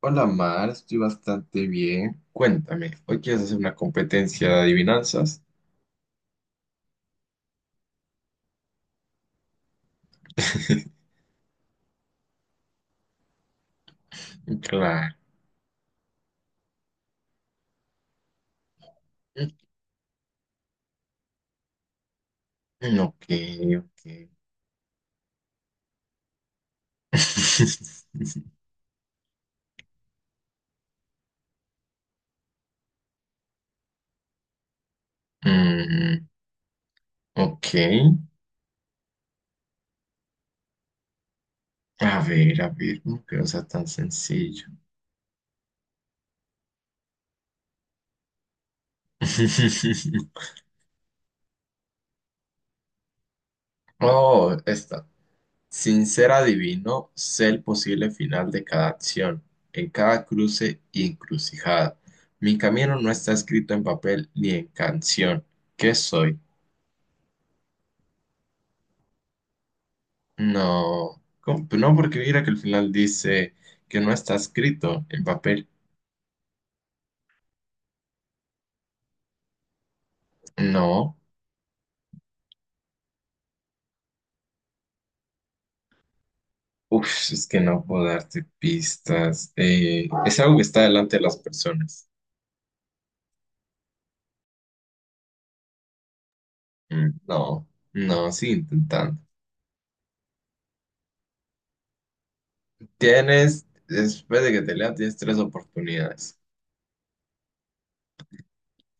Hola Mar, estoy bastante bien. Cuéntame, ¿hoy quieres hacer una competencia de adivinanzas? Claro. Ok, ok. Mm, ok. A ver, no que no sea tan sencillo. Oh, esta. Sin ser adivino, sé el posible final de cada acción, en cada cruce y encrucijada. Mi camino no está escrito en papel ni en canción. ¿Qué soy? No, ¿cómo? No, porque mira que al final dice que no está escrito en papel. No. Es que no puedo darte pistas. Es algo que está delante de las personas. Mm. No, no, sigue intentando. Tienes, después de que te lea, tienes tres oportunidades.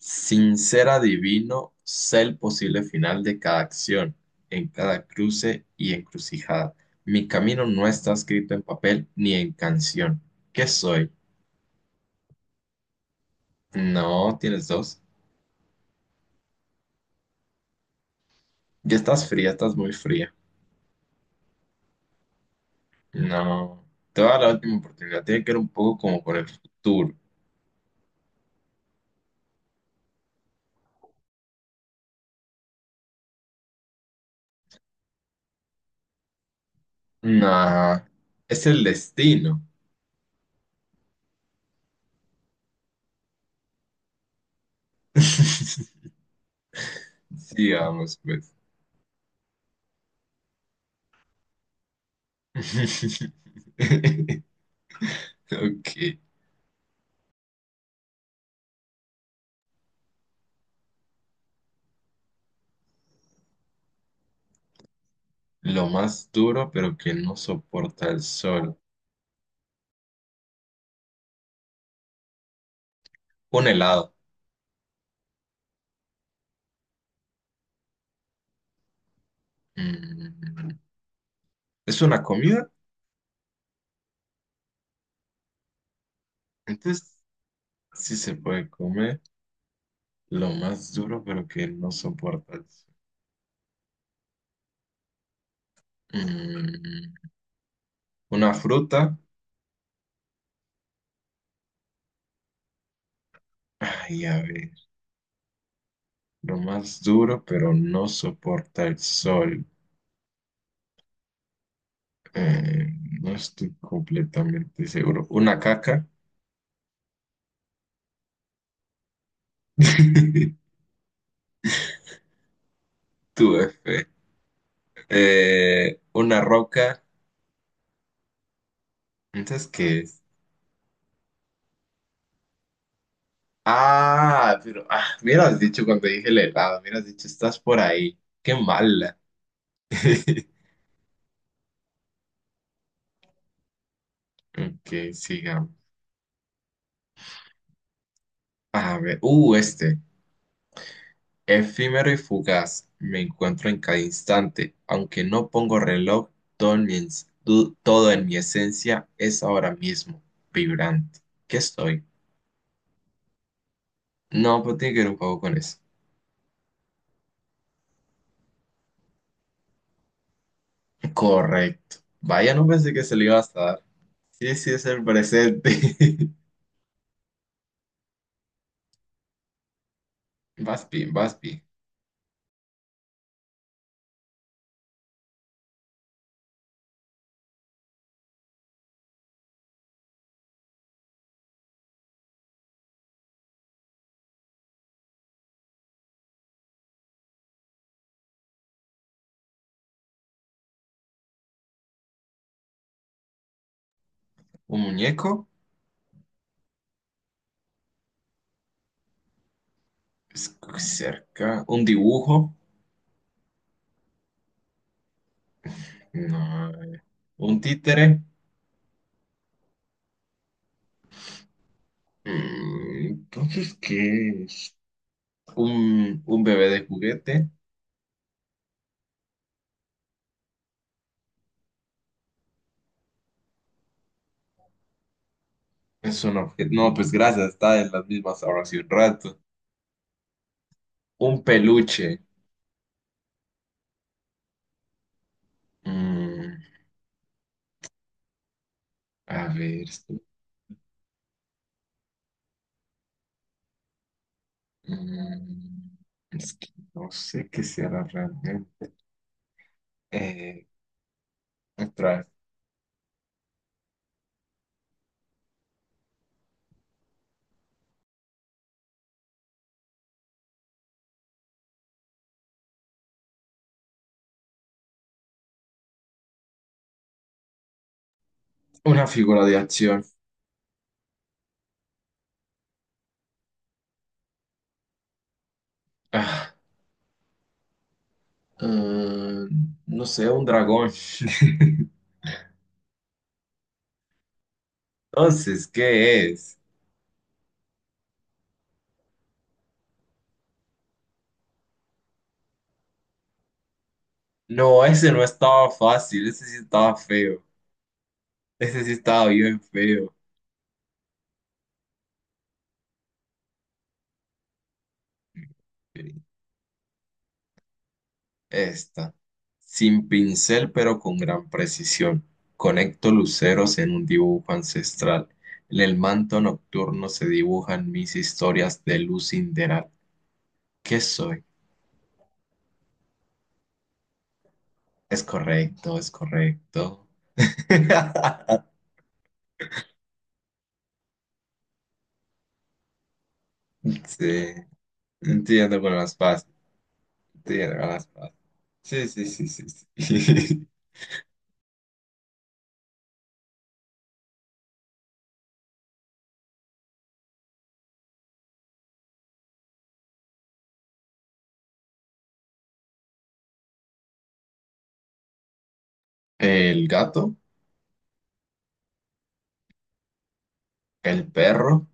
Sin ser adivino, sé el posible final de cada acción, en cada cruce y encrucijada. Mi camino no está escrito en papel ni en canción. ¿Qué soy? No, tienes dos. Ya estás fría, estás muy fría. No. Te voy a dar la última oportunidad. Tiene que ver un poco como con el futuro. No. Es el destino. Sigamos, pues. Ok. Lo más duro, pero que no soporta el sol. Un helado. Mm, ¿es una comida? Entonces, sí se puede comer. Lo más duro, pero que no soporta el sol. Mm, ¿una fruta? Ay, a ver, lo más duro, pero no soporta el sol. Eh, no estoy completamente seguro. Una caca. Tuve F. Una roca. ¿Entonces qué es? Ah, pero ah, me hubieras dicho cuando dije el helado, me hubieras dicho, estás por ahí. Qué mala. Ok, sigamos. A ver, este. Efímero y fugaz, me encuentro en cada instante, aunque no pongo reloj, todo en mi esencia es ahora mismo, vibrante. ¿Qué estoy? No, pues tiene que ver un poco con eso. Correcto. Vaya, no pensé que se le iba a dar. Sí, sí, es el presente. Vas bien, vas bien. ¿Un muñeco? Es cerca. ¿Un dibujo? No. ¿Un títere? Mm, entonces, ¿qué es? ¿Un bebé de juguete? Es un objeto. No, pues gracias, está en las mismas ahora hace un rato. Un peluche. Mm, a ver. Mm, es que no sé qué será realmente. Eh, Otra vez. Una figura de acción. Ah, mm, no sé, un dragón. Entonces, ¿qué es? No, ese no estaba fácil, ese sí estaba feo. Ese sí estaba bien feo. Ok. Esta. Sin pincel, pero con gran precisión. Conecto luceros en un dibujo ancestral. En el manto nocturno se dibujan mis historias de luz sideral. ¿Qué soy? Es correcto, es correcto. Sí, entiendo con las paz. Entiendo con las paz. Sí, sí, sí, sí, sí. El gato, el perro,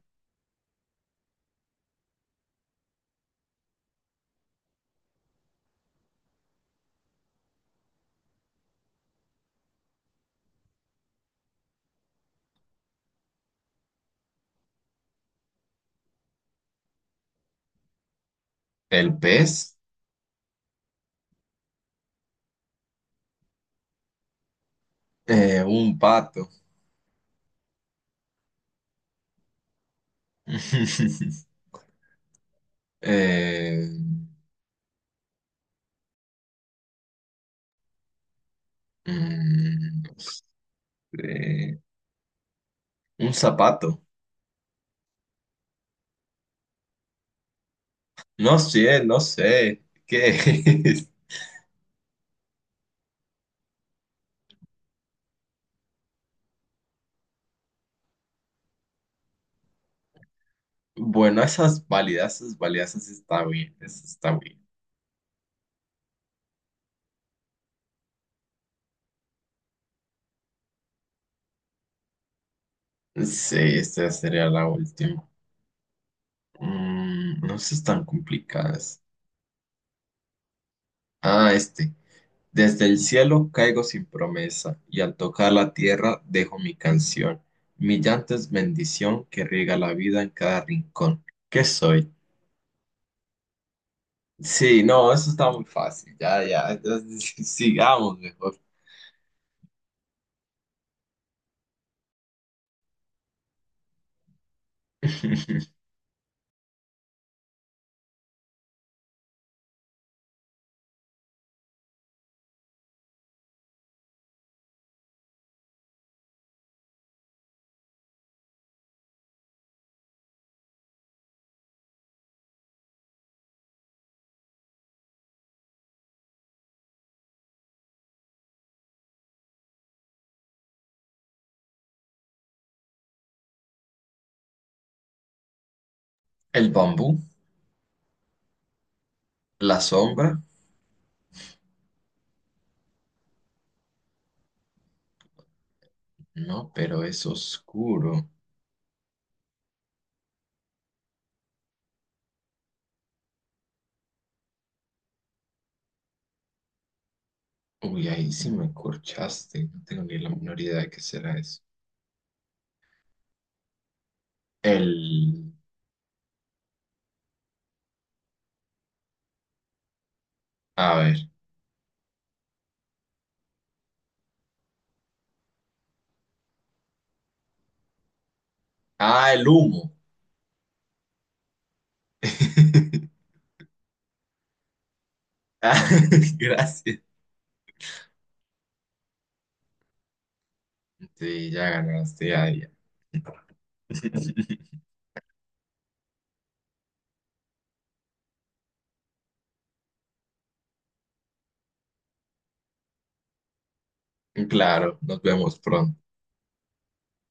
el pez, un pato. Eh, Mm, eh, un zapato. No sé, no sé. ¿Qué es? Bueno, esas válidas, esas válidas, esas está bien, esas está bien. Sí, esta sería la última. Mm, no son tan complicadas. Ah, este. Desde el cielo caigo sin promesa y al tocar la tierra dejo mi canción. Mi llanto es bendición que riega la vida en cada rincón. ¿Qué soy? Sí, no, eso está muy fácil. Ya, ya. Entonces, sigamos mejor. El bambú, la sombra. No, pero es oscuro. Uy, ahí sí me corchaste. No tengo ni la menor idea de qué será eso. El... A ver. Ah, el humo. Ah, gracias. Sí, ya ganaste. Ya, ya. Claro, nos vemos pronto.